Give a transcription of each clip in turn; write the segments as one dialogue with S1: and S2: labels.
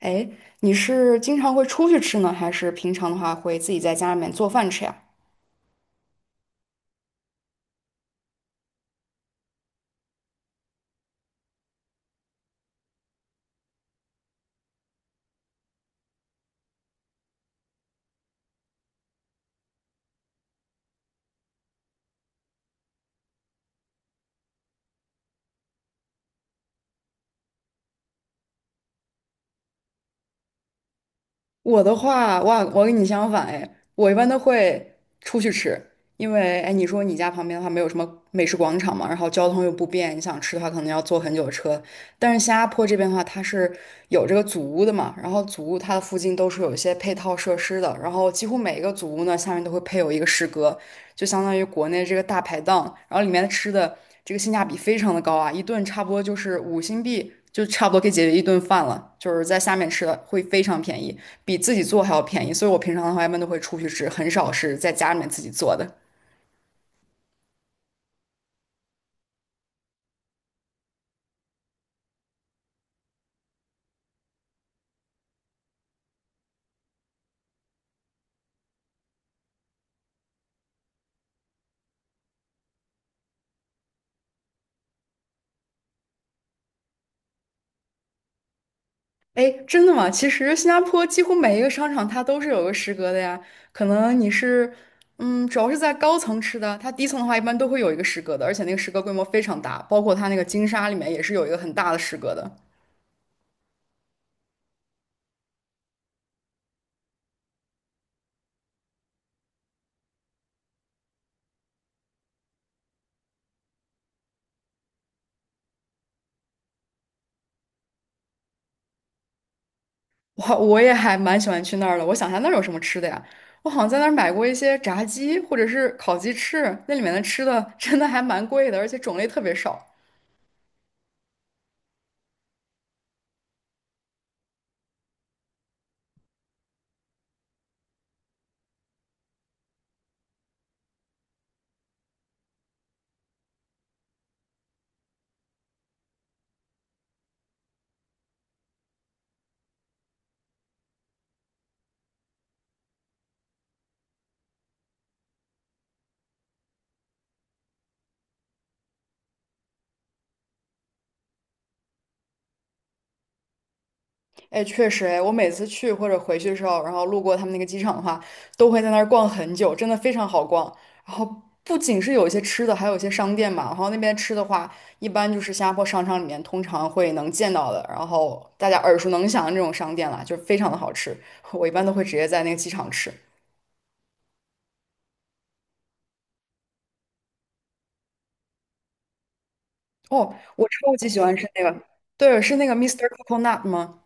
S1: 哎，你是经常会出去吃呢，还是平常的话会自己在家里面做饭吃呀？我的话，哇，我跟你相反哎，我一般都会出去吃，因为哎，你说你家旁边的话没有什么美食广场嘛，然后交通又不便，你想吃的话可能要坐很久的车，但是新加坡这边的话，它是有这个祖屋的嘛，然后祖屋它的附近都是有一些配套设施的，然后几乎每一个祖屋呢下面都会配有一个食阁，就相当于国内这个大排档，然后里面的吃的这个性价比非常的高啊，一顿差不多就是5新币，就差不多可以解决一顿饭了，就是在下面吃的会非常便宜，比自己做还要便宜，所以我平常的话一般都会出去吃，很少是在家里面自己做的。哎，真的吗？其实新加坡几乎每一个商场它都是有个食阁的呀。可能你是，主要是在高层吃的，它低层的话一般都会有一个食阁的，而且那个食阁规模非常大，包括它那个金沙里面也是有一个很大的食阁的。我也还蛮喜欢去那儿的。我想一下那儿有什么吃的呀？我好像在那儿买过一些炸鸡或者是烤鸡翅，那里面的吃的真的还蛮贵的，而且种类特别少。哎，确实，哎，我每次去或者回去的时候，然后路过他们那个机场的话，都会在那儿逛很久，真的非常好逛。然后不仅是有一些吃的，还有一些商店嘛。然后那边吃的话，一般就是新加坡商场里面通常会能见到的，然后大家耳熟能详的这种商店啦，就是非常的好吃。我一般都会直接在那个机场吃。哦，我超级喜欢吃那个，对，是那个 Mr. i s t e Coconut 吗？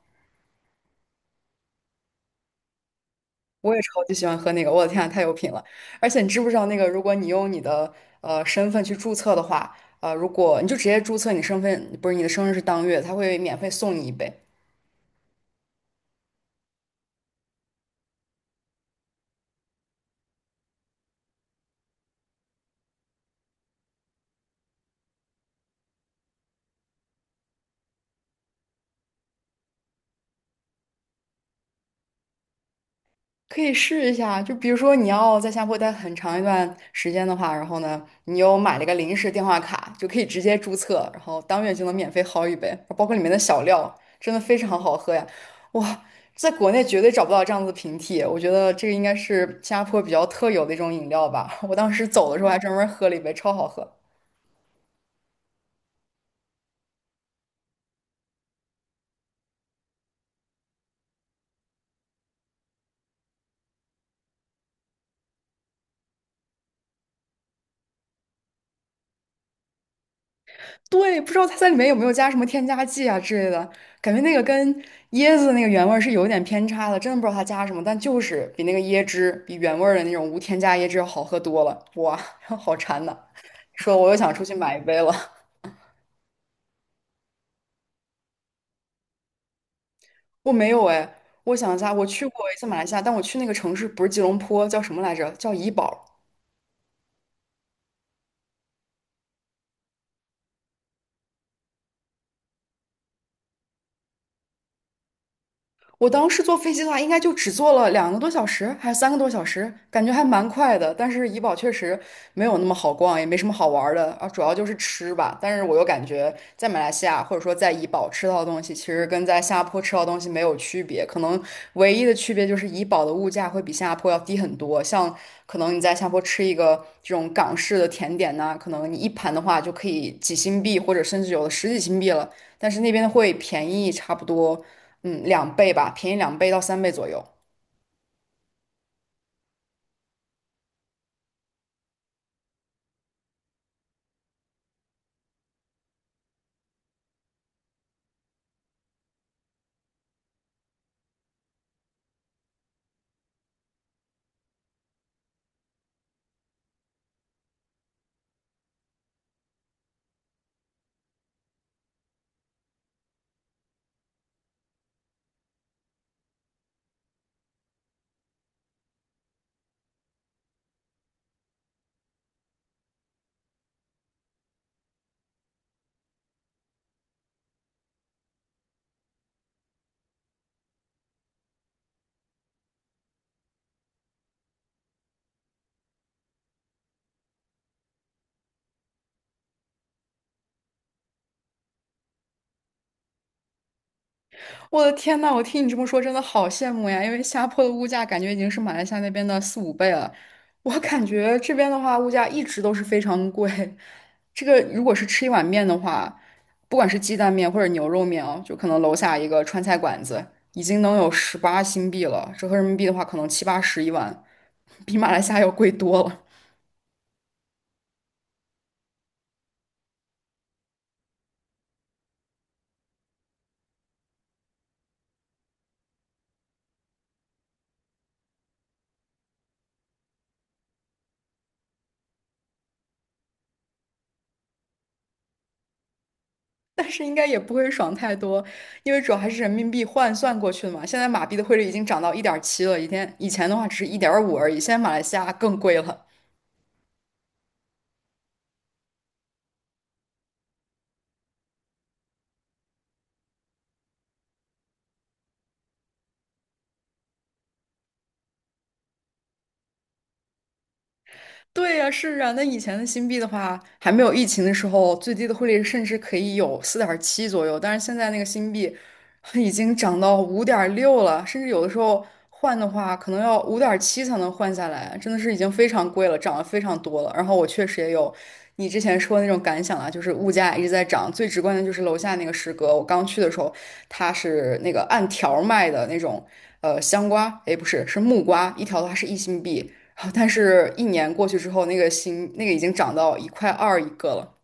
S1: 我也超级喜欢喝那个，我的天啊，太有品了！而且你知不知道，那个如果你用你的身份去注册的话，如果你就直接注册你身份，不是你的生日是当月，他会免费送你一杯。可以试一下，就比如说你要在新加坡待很长一段时间的话，然后呢，你又买了一个临时电话卡，就可以直接注册，然后当月就能免费薅一杯，包括里面的小料，真的非常好喝呀！哇，在国内绝对找不到这样子的平替，我觉得这个应该是新加坡比较特有的一种饮料吧。我当时走的时候还专门喝了一杯，超好喝。对，不知道它在里面有没有加什么添加剂啊之类的，感觉那个跟椰子那个原味儿是有点偏差的，真的不知道它加什么，但就是比那个椰汁，比原味儿的那种无添加椰汁要好喝多了。哇，好馋呐！说我又想出去买一杯了。我没有哎，我想一下，我去过一次马来西亚，但我去那个城市不是吉隆坡，叫什么来着？叫怡保。我当时坐飞机的话，应该就只坐了2个多小时，还是3个多小时，感觉还蛮快的。但是怡保确实没有那么好逛，也没什么好玩儿的啊，主要就是吃吧。但是我又感觉在马来西亚或者说在怡保吃到的东西，其实跟在新加坡吃到的东西没有区别，可能唯一的区别就是怡保的物价会比新加坡要低很多。像可能你在新加坡吃一个这种港式的甜点呐、可能你一盘的话就可以几新币，或者甚至有的十几新币了。但是那边会便宜差不多。嗯，两倍吧，便宜两倍到3倍左右。我的天呐，我听你这么说，真的好羡慕呀！因为新加坡的物价感觉已经是马来西亚那边的4、5倍了。我感觉这边的话，物价一直都是非常贵。这个如果是吃一碗面的话，不管是鸡蛋面或者牛肉面哦，就可能楼下一个川菜馆子已经能有18新币了，折合人民币的话，可能七八十一碗，比马来西亚要贵多了。但是应该也不会爽太多，因为主要还是人民币换算过去的嘛。现在马币的汇率已经涨到1.7了，以前的话只是1.5而已，现在马来西亚更贵了。对呀，是啊，那以前的新币的话，还没有疫情的时候，最低的汇率甚至可以有4.7左右，但是现在那个新币已经涨到5.6了，甚至有的时候换的话，可能要5.7才能换下来，真的是已经非常贵了，涨了非常多了。然后我确实也有你之前说的那种感想啊，就是物价一直在涨，最直观的就是楼下那个食阁，我刚去的时候，它是那个按条儿卖的那种，香瓜，诶，不是，是木瓜，一条的话是1新币。啊但是，一年过去之后，那个心那个已经涨到1块2一个了。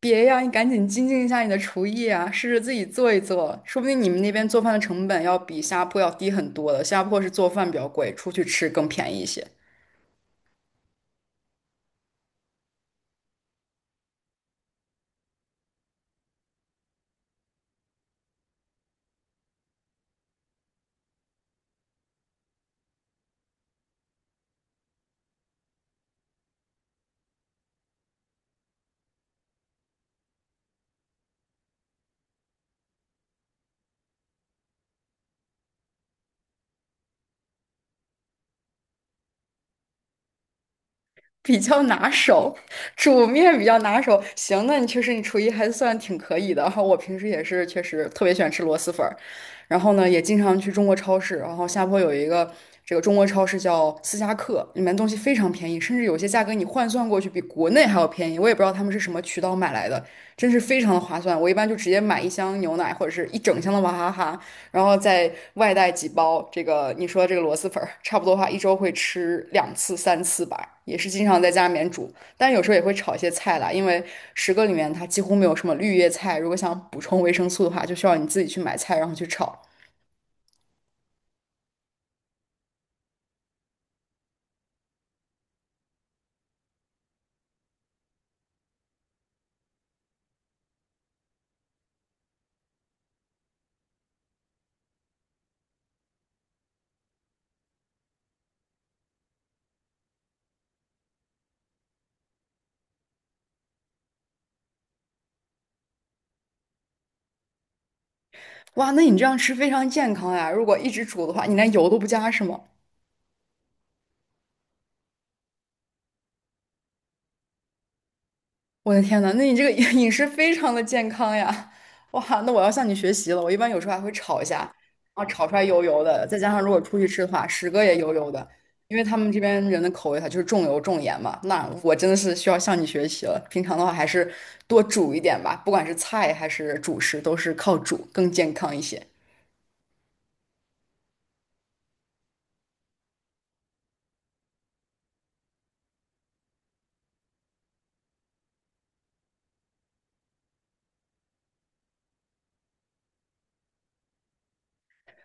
S1: 别呀，你赶紧精进一下你的厨艺啊，试着自己做一做，说不定你们那边做饭的成本要比新加坡要低很多的。新加坡是做饭比较贵，出去吃更便宜一些。比较拿手，煮面比较拿手。行，那你确实你厨艺还算挺可以的。然后我平时也是确实特别喜欢吃螺蛳粉儿，然后呢也经常去中国超市。然后下坡有一个这个中国超市叫思佳客，里面东西非常便宜，甚至有些价格你换算过去比国内还要便宜。我也不知道他们是什么渠道买来的，真是非常的划算。我一般就直接买一箱牛奶或者是一整箱的娃哈哈，然后再外带几包这个你说这个螺蛳粉儿，差不多的话一周会吃两次三次吧，也是经常在家里面煮，但有时候也会炒一些菜啦，因为十个里面它几乎没有什么绿叶菜，如果想补充维生素的话，就需要你自己去买菜然后去炒。哇，那你这样吃非常健康呀！如果一直煮的话，你连油都不加是吗？我的天呐，那你这个 饮食非常的健康呀！哇，那我要向你学习了。我一般有时候还会炒一下，然后炒出来油油的，再加上如果出去吃的话，十个也油油的，因为他们这边人的口味它就是重油重盐嘛。那我真的是需要向你学习了。平常的话还是多煮一点吧，不管是菜还是主食，都是靠煮更健康一些。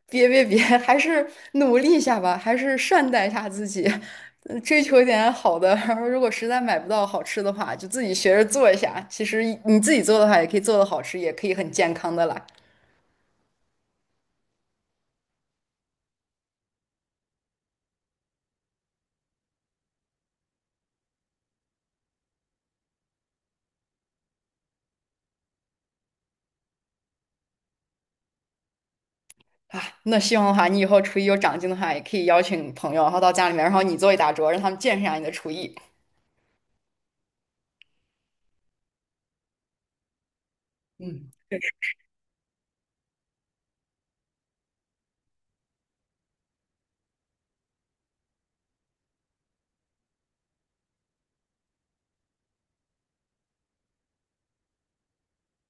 S1: 别别别，还是努力一下吧，还是善待一下自己，嗯追求一点好的。然后，如果实在买不到好吃的话，就自己学着做一下。其实你自己做的话，也可以做的好吃，也可以很健康的啦。啊，那希望的话，你以后厨艺有长进的话，也可以邀请朋友，然后到家里面，然后你做一大桌，让他们见识一下你的厨艺。嗯，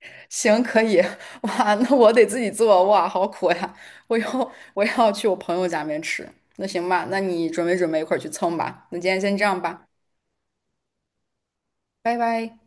S1: 行，可以。哇，那我得自己做，哇，好苦呀！我要去我朋友家里面吃。那行吧，那你准备准备，一块儿去蹭吧。那今天先这样吧，拜拜。